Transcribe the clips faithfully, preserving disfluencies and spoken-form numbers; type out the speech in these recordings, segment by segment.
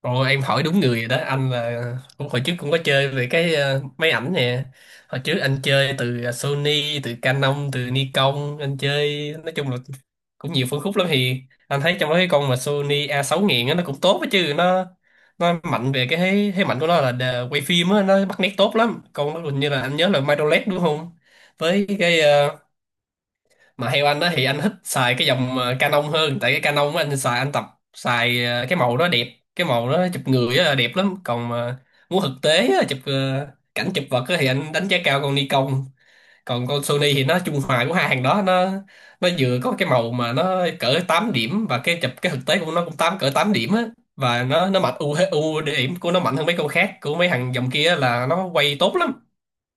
Ồ, em hỏi đúng người rồi đó. Anh là cũng hồi trước cũng có chơi về cái ờ, máy ảnh nè. Hồi trước anh chơi từ ờ, Sony, từ Canon, từ Nikon, anh chơi nói chung là cũng nhiều phân khúc lắm. Thì anh thấy trong đó cái con mà Sony A sáu nghìn á nó cũng tốt á chứ. Nó nó mạnh về cái thế thế mạnh của nó là đờ- quay phim á, nó bắt nét tốt lắm. Con nó hình như là anh nhớ là micro L E D đúng không, với cái ờ, mà theo anh á, thì anh thích xài cái dòng ờ, Canon hơn, tại cái Canon của anh xài anh tập xài ờ, cái màu đó đẹp, cái màu đó chụp người á, đẹp lắm. Còn mà muốn thực tế á, chụp ờ, cảnh, chụp vật á, thì anh đánh giá cao con Nikon. Còn con Sony thì nó trung hòa của hai hàng đó. Nó nó vừa có cái màu mà nó cỡ tám điểm, và cái chụp cái thực tế của nó cũng tám, cỡ tám điểm á. Và nó nó mạnh, ưu ưu điểm của nó mạnh hơn mấy con khác của mấy thằng dòng kia là nó quay tốt lắm.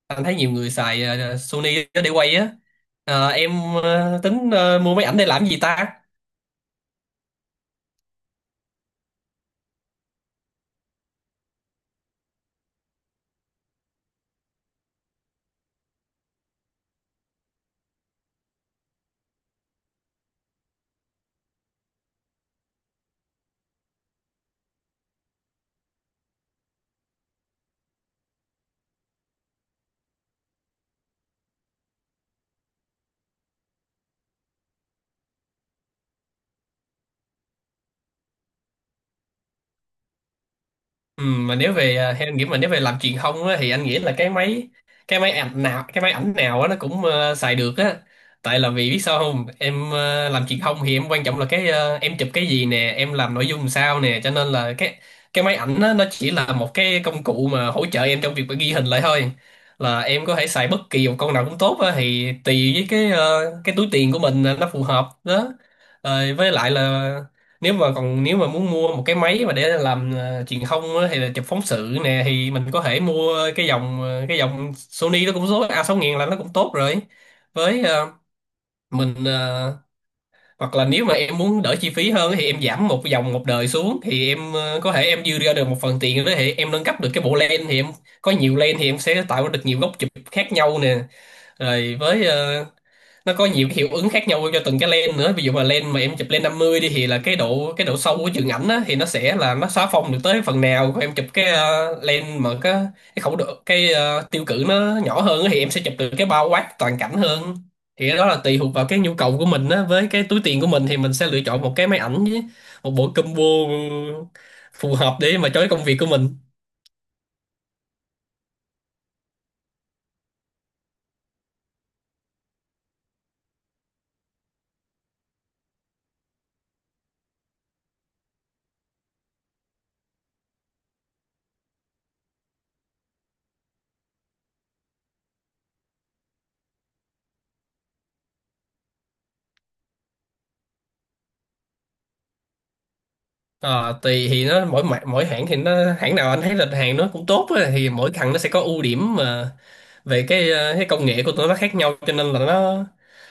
Anh thấy nhiều người xài ờ, Sony để quay á. Ờ, em ờ, tính ờ, mua máy ảnh để làm gì ta? Ừ, mà nếu về à, theo anh nghĩ mà nếu về làm truyền thông á, thì anh nghĩ là cái máy, cái máy ảnh nào cái máy ảnh nào á, nó cũng ờ, xài được á. Tại là vì biết sao không em, ờ, làm truyền thông thì em quan trọng là cái ờ, em chụp cái gì nè, em làm nội dung làm sao nè, cho nên là cái cái máy ảnh á, nó chỉ là một cái công cụ mà hỗ trợ em trong việc mà ghi hình lại thôi. Là em có thể xài bất kỳ một con nào cũng tốt á, thì tùy với cái ờ, cái túi tiền của mình là nó phù hợp đó. Rồi với lại là nếu mà, còn nếu mà muốn mua một cái máy mà để làm ờ, truyền thông á, hay là chụp phóng sự nè, thì mình có thể mua cái dòng ờ, cái dòng Sony nó cũng số A sáu nghìn sáu nghìn là nó cũng tốt rồi. Với ờ, mình ờ, hoặc là nếu mà em muốn đỡ chi phí hơn thì em giảm một dòng, một đời xuống, thì em ờ, có thể em dư ra được một phần tiền đó, thì em nâng cấp được cái bộ lens, thì em có nhiều lens thì em sẽ tạo được nhiều góc chụp khác nhau nè. Rồi với ờ, nó có nhiều cái hiệu ứng khác nhau cho từng cái lens nữa. Ví dụ mà lens mà em chụp lens năm mươi đi, thì là cái độ, cái độ sâu của trường ảnh á, thì nó sẽ là nó xóa phông được tới phần nào. Còn em chụp cái ờ, lens mà cái cái khẩu độ, cái ờ, tiêu cự nó nhỏ hơn á, thì em sẽ chụp được cái bao quát toàn cảnh hơn. Thì cái đó là tùy thuộc vào cái nhu cầu của mình á, với cái túi tiền của mình, thì mình sẽ lựa chọn một cái máy ảnh với một bộ combo phù hợp để mà cho cái công việc của mình. Ờ, tùy, thì nó mỗi mã- mỗi hãng thì nó, hãng nào anh thấy là hàng nó cũng tốt á, thì mỗi thằng nó sẽ có ưu điểm mà. Vậy cái ờ, cái công nghệ của tụi nó khác nhau, cho nên là nó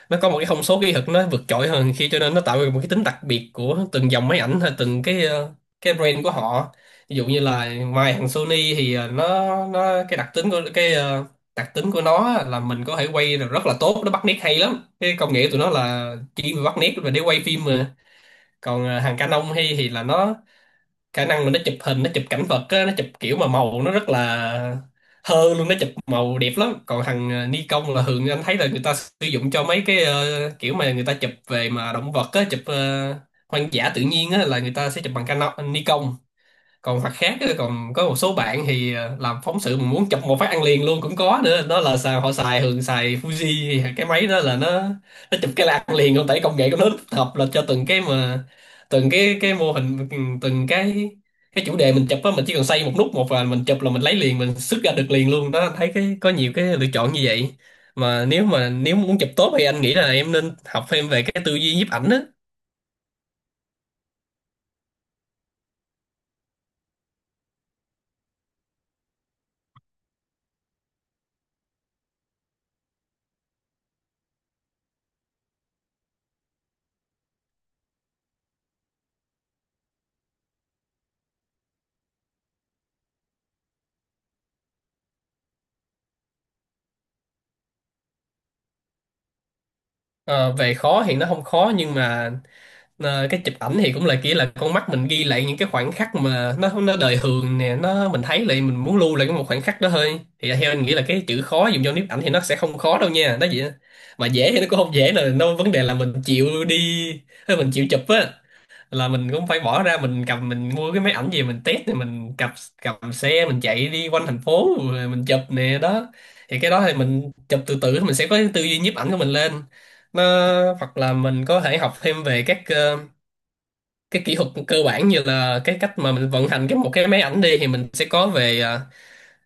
nó có một cái thông số kỹ thuật nó vượt trội hơn, khi cho nên nó tạo ra một cái tính đặc biệt của từng dòng máy ảnh hay từng cái ờ, cái brand của họ. Ví dụ như là ngoài thằng Sony thì ờ, nó nó cái đặc tính của cái ờ, đặc tính của nó là mình có thể quay được rất là tốt, nó bắt nét hay lắm, cái công nghệ của tụi nó là chỉ bắt nét và để quay phim mà. Còn ờ, hàng Canon hay thì là nó khả năng là nó chụp hình, nó chụp cảnh vật á, nó chụp kiểu mà màu nó rất là hơ luôn, nó chụp màu đẹp lắm. Còn thằng ờ, Nikon là thường anh thấy là người ta sử dụng cho mấy cái ờ, kiểu mà người ta chụp về mà động vật á, chụp ờ, hoang dã tự nhiên á, là người ta sẽ chụp bằng Canon, Nikon. Còn mặt khác á, còn có một số bạn thì ờ, làm phóng sự mà muốn chụp một phát ăn liền luôn cũng có nữa, đó là xài, họ xài, thường xài Fuji. Thì cái máy đó là nó nó chụp cái là ăn liền luôn, tại công nghệ của nó tích hợp là cho từng cái mà từng cái cái mô hình, từng cái cái chủ đề mình chụp á, mình chỉ cần xoay một nút một và mình chụp là mình lấy liền, mình xuất ra được liền luôn đó. Thấy cái có nhiều cái lựa chọn như vậy. Mà nếu mà, nếu muốn chụp tốt thì anh nghĩ là em nên học thêm về cái tư duy nhiếp ảnh á. Ờ, về khó thì nó không khó, nhưng mà Ờ, cái chụp ảnh thì cũng là kiểu là con mắt mình ghi lại những cái khoảnh khắc mà nó nó đời thường nè, nó mình thấy lại mình muốn lưu lại cái một khoảnh khắc đó thôi, thì theo anh nghĩ là cái chữ khó dùng cho nhiếp ảnh thì nó sẽ không khó đâu nha, đó vậy á. Mà dễ thì nó cũng không dễ nè, nó vấn đề là mình chịu đi hay mình chịu chụp á, là mình cũng phải bỏ ra, mình cầm, mình mua cái máy ảnh gì mình test thì mình cầm, cầm xe mình chạy đi quanh thành phố rồi mình chụp nè đó. Thì cái đó thì mình chụp từ từ mình sẽ có cái tư duy nhiếp ảnh của mình lên. Nó hoặc là mình có thể học thêm về các ờ, cái kỹ thuật cơ bản, như là cái cách mà mình vận hành cái một cái máy ảnh đi, thì mình sẽ có về à,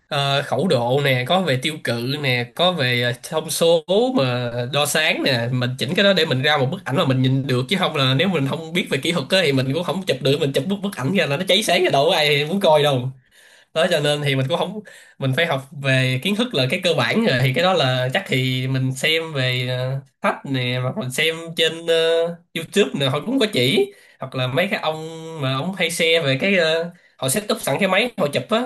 à, khẩu độ nè, có về tiêu cự nè, có về à, thông số mà đo sáng nè, mình chỉnh cái đó để mình ra một bức ảnh mà mình nhìn được. Chứ không là nếu mình không biết về kỹ thuật á thì mình cũng không chụp được, mình chụp bức bức ảnh ra là nó cháy sáng ra, đâu có ai muốn coi đâu. Đó, cho nên thì mình cũng không, mình phải học về kiến thức là cái cơ bản rồi. Thì cái đó là chắc thì mình xem về ờ, sách nè, hoặc mình xem trên ờ, YouTube nè, họ cũng có chỉ, hoặc là mấy cái ông mà ông hay share về cái ờ, họ set up sẵn cái máy họ chụp á,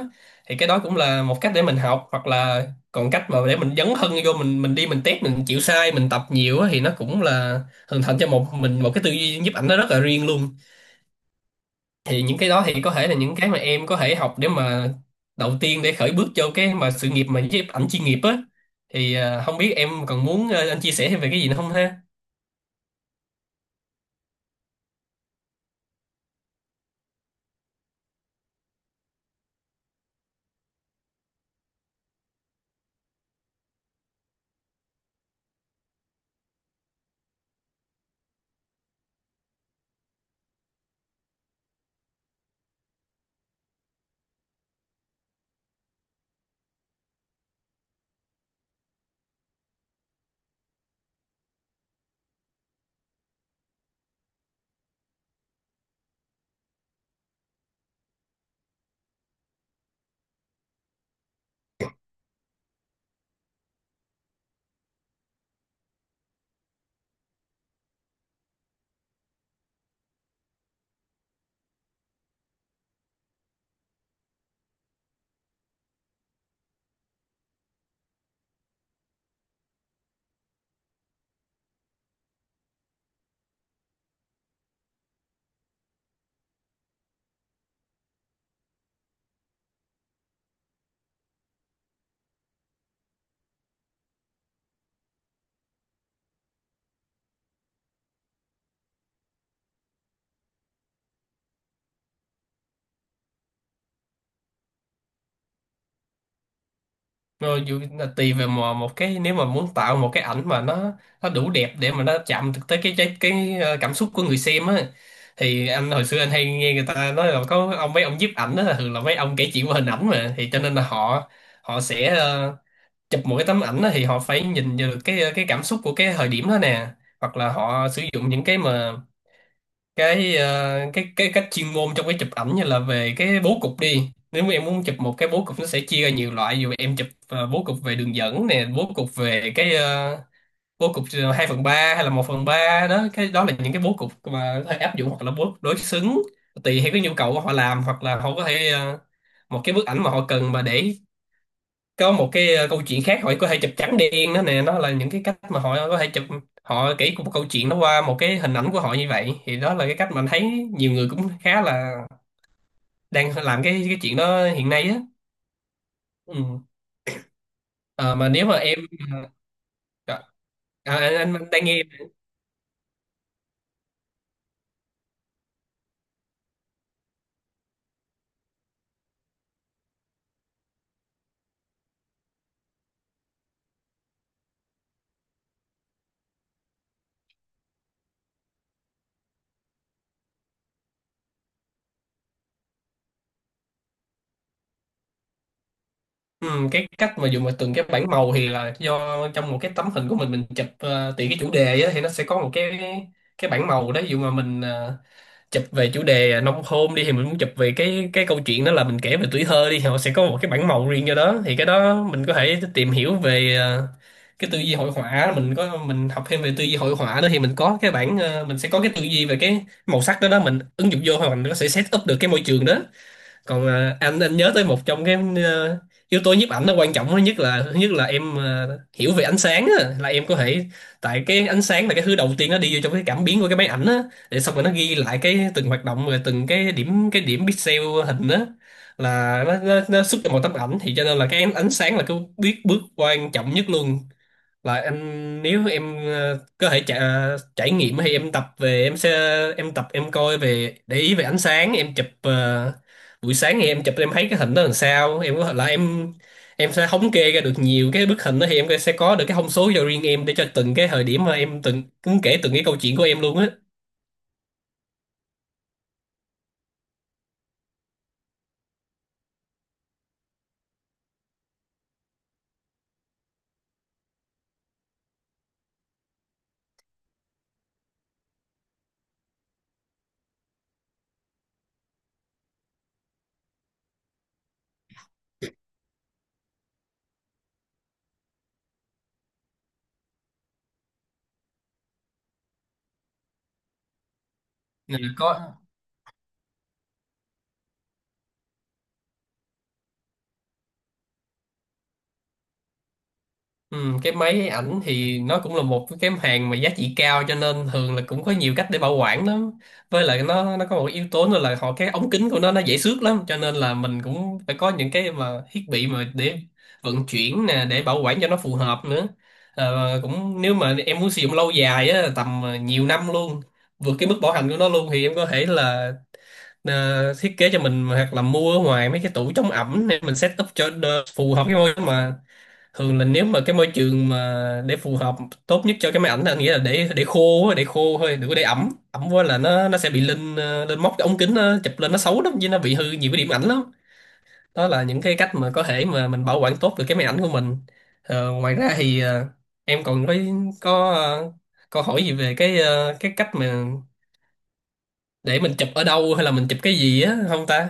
thì cái đó cũng là một cách để mình học. Hoặc là còn cách mà để mình dấn thân vô, mình mình đi, mình test, mình chịu sai, mình tập nhiều á, thì nó cũng là hình thành cho một mình một cái tư duy nhiếp ảnh nó rất là riêng luôn. Thì những cái đó thì có thể là những cái mà em có thể học để mà đầu tiên để khởi bước cho cái mà sự nghiệp mà nhiếp ảnh chuyên nghiệp á. Thì à, không biết em còn muốn ờ, anh chia sẻ thêm về cái gì nữa không ha? Rồi dù là tùy về mà một cái, nếu mà muốn tạo một cái ảnh mà nó nó đủ đẹp để mà nó chạm được tới cái cái, cái ờ, cảm xúc của người xem á, thì anh hồi xưa anh hay nghe người ta nói là có ông, mấy ông nhiếp ảnh đó là thường là mấy ông kể chuyện qua hình ảnh mà, thì cho nên là họ, họ sẽ ờ, chụp một cái tấm ảnh á, thì họ phải nhìn vào được cái cái cảm xúc của cái thời điểm đó nè. Hoặc là họ sử dụng những cái mà cái ờ, cái cái cách chuyên môn trong cái chụp ảnh, như là về cái bố cục đi. Nếu mà em muốn chụp một cái bố cục, nó sẽ chia ra nhiều loại, dù em chụp ờ, bố cục về đường dẫn nè, bố cục về cái ờ, bố cục ờ, hai phần ba hay là một phần ba đó. Cái đó là những cái bố cục mà có thể áp dụng, hoặc là bố đối xứng, tùy theo cái nhu cầu của Họ làm hoặc là họ có thể ờ, một cái bức ảnh mà họ cần mà để có một cái ờ, câu chuyện khác, họ có thể chụp trắng đen đó nè. Nó là những cái cách mà họ có thể chụp, họ kể một câu chuyện nó qua một cái hình ảnh của họ. Như vậy thì đó là cái cách mà anh thấy nhiều người cũng khá là đang làm cái cái chuyện đó hiện nay á. Ừ. Ờ, mà nếu mà em à, anh, anh anh đang nghe. Ừ, cái cách mà dùng mà từng cái bảng màu thì là do trong một cái tấm hình của mình mình chụp, ờ, tùy cái chủ đề á thì nó sẽ có một cái cái bảng màu đó. Ví dụ mà mình ờ, chụp về chủ đề nông thôn đi, thì mình muốn chụp về cái cái câu chuyện đó là mình kể về tuổi thơ đi, thì họ sẽ có một cái bản màu riêng cho đó. Thì cái đó mình có thể tìm hiểu về ờ, cái tư duy hội họa, mình có mình học thêm về tư duy hội họa đó, thì mình có cái bản ờ, mình sẽ có cái tư duy về cái màu sắc đó. Đó, mình ứng dụng vô, hoặc mình có thể set up được cái môi trường đó. Còn à, anh anh nhớ tới một trong cái ờ, yếu tố nhiếp ảnh nó quan trọng nhất là thứ nhất là em ờ, hiểu về ánh sáng á, là em có thể, tại cái ánh sáng là cái thứ đầu tiên nó đi vô trong cái cảm biến của cái máy ảnh á, để xong rồi nó ghi lại cái từng hoạt động, rồi từng cái điểm cái điểm pixel hình á, là nó, nó, nó xuất ra một tấm ảnh. Thì cho nên là cái ánh sáng là cái biết bước quan trọng nhất luôn. Là em, nếu em ờ, có thể trải, trải nghiệm thì em tập về, em sẽ em tập em coi về để ý về ánh sáng. Em chụp ờ, buổi sáng thì em chụp em thấy cái hình đó làm sao, em có thể là em em sẽ thống kê ra được nhiều cái bức hình đó, thì em sẽ có được cái thông số cho riêng em để cho từng cái thời điểm mà em từng cũng kể từng cái câu chuyện của em luôn á. Ừ, có. Ừ, cái máy ảnh thì nó cũng là một cái hàng mà giá trị cao, cho nên thường là cũng có nhiều cách để bảo quản lắm. Với lại nó nó có một yếu tố nữa là họ cái ống kính của nó nó dễ xước lắm, cho nên là mình cũng phải có những cái mà thiết bị mà để vận chuyển nè, để bảo quản cho nó phù hợp nữa. Ờ, cũng nếu mà em muốn sử dụng lâu dài á, tầm ờ, nhiều năm luôn, vượt cái mức bảo hành của nó luôn, thì em có thể là ờ, thiết kế cho mình hoặc là mua ở ngoài mấy cái tủ chống ẩm để mình set up cho đ- phù hợp cái môi trường. Mà thường là nếu mà cái môi trường mà để phù hợp tốt nhất cho cái máy ảnh là anh nghĩ là để để khô á, để khô thôi, đừng có để ẩm ẩm quá là nó nó sẽ bị lên ờ, lên móc cái ống kính, nó chụp lên nó xấu lắm, chứ nó bị hư nhiều cái điểm ảnh lắm. Đó là những cái cách mà có thể mà mình bảo quản tốt được cái máy ảnh của mình. Ờ, ngoài ra thì ờ, em còn có có ờ, câu hỏi gì về cái ờ, cái cách mà để mình chụp ở đâu hay là mình chụp cái gì á không ta?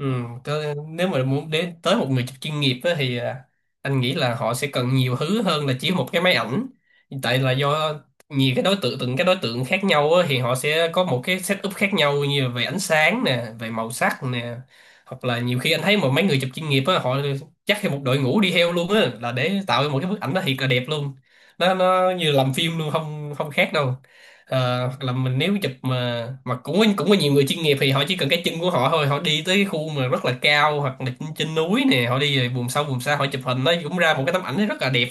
Ừ, cơ, nếu mà muốn đến tới một người chụp chuyên nghiệp á, thì à, anh nghĩ là họ sẽ cần nhiều thứ hơn là chỉ một cái máy ảnh. Tại là do nhiều cái đối tượng, từng cái đối tượng khác nhau á, thì họ sẽ có một cái setup khác nhau, như là về ánh sáng nè, về màu sắc nè, hoặc là nhiều khi anh thấy một mấy người chụp chuyên nghiệp á, họ chắc thêm một đội ngũ đi theo luôn á, là để tạo ra một cái bức ảnh nó thiệt là đẹp luôn. Nó nó như làm phim luôn, không không khác đâu. Ờ, hoặc là mình nếu chụp mà mà cũng có, cũng có nhiều người chuyên nghiệp thì họ chỉ cần cái chân của họ thôi, họ đi tới cái khu mà rất là cao, hoặc là trên, trên núi nè, họ đi về vùng sâu vùng xa họ chụp hình, nó cũng ra một cái tấm ảnh rất là đẹp.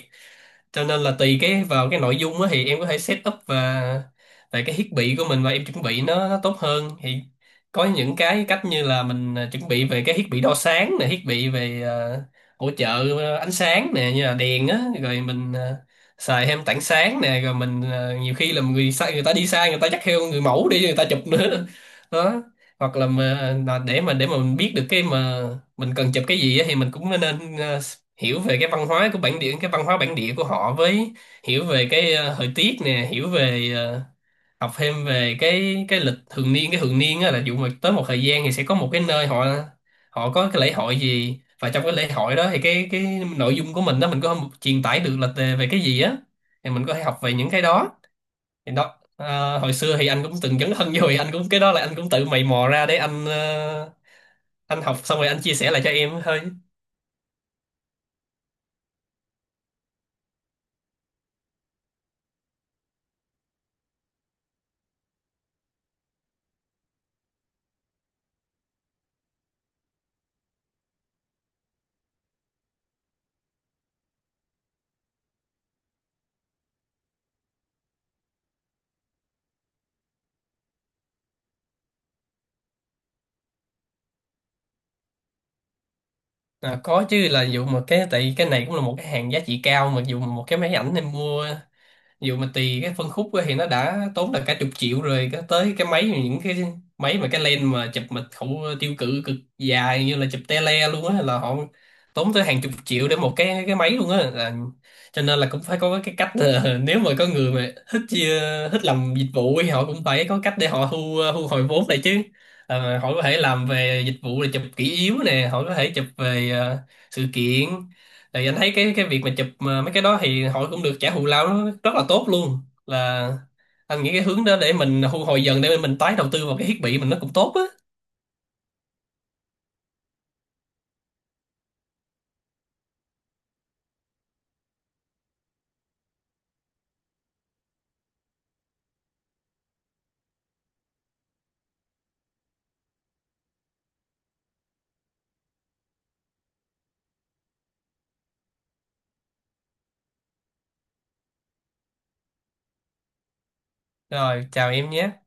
Cho nên là tùy cái vào cái nội dung á, thì em có thể set up và về cái thiết bị của mình, và em chuẩn bị nó, nó tốt hơn, thì có những cái cách như là mình à, chuẩn bị về cái thiết bị đo sáng nè, thiết bị về à, hỗ trợ à, ánh sáng nè, như là đèn á, rồi mình à, xài thêm tảng sáng nè, rồi mình à, nhiều khi là người sai người ta đi, sai người ta dắt theo người mẫu đi người ta chụp nữa. Đó, hoặc là mà là để mà để mà mình biết được cái mà mình cần chụp cái gì á, thì mình cũng nên ờ, hiểu về cái văn hóa của bản địa, cái văn hóa bản địa của họ, với hiểu về cái ờ, thời tiết nè, hiểu về ờ, học thêm về cái cái lịch thường niên, cái thường niên á, là dụ mà tới một thời gian thì sẽ có một cái nơi họ họ có cái lễ hội gì, và trong cái lễ hội đó thì cái cái nội dung của mình đó mình có truyền tải được là về cái gì á, thì mình có thể học về những cái đó. Thì đó à, hồi xưa thì anh cũng từng dấn thân vô, thì anh cũng cái đó là anh cũng tự mày mò ra để anh ờ, anh học xong rồi anh chia sẻ lại cho em thôi. À, có chứ, là dụ mà cái tại vì cái này cũng là một cái hàng giá trị cao, mà dụ mà một cái máy ảnh em mua dù mà tùy cái phân khúc á, thì nó đã tốn là cả chục triệu rồi, cái tới cái máy, những cái máy mà cái lens mà chụp mà khẩu tiêu cự cực dài như là chụp tele luôn á, là họ tốn tới hàng chục triệu để một cái cái máy luôn á, là cho nên là cũng phải có cái cách là, nếu mà có người mà thích chia- thích làm dịch vụ thì họ cũng phải có cách để họ thu ờ, thu hồi vốn lại chứ. Ờ, họ có thể làm về dịch vụ là chụp kỷ yếu nè, họ có thể chụp về ờ, sự kiện, thì anh thấy cái cái việc mà chụp mà mấy cái đó thì họ cũng được trả thù lao nó rất là tốt luôn. Là anh nghĩ cái hướng đó để mình thu hồi dần để mình tái đầu tư vào cái thiết bị mình nó cũng tốt á. Rồi, chào em nhé.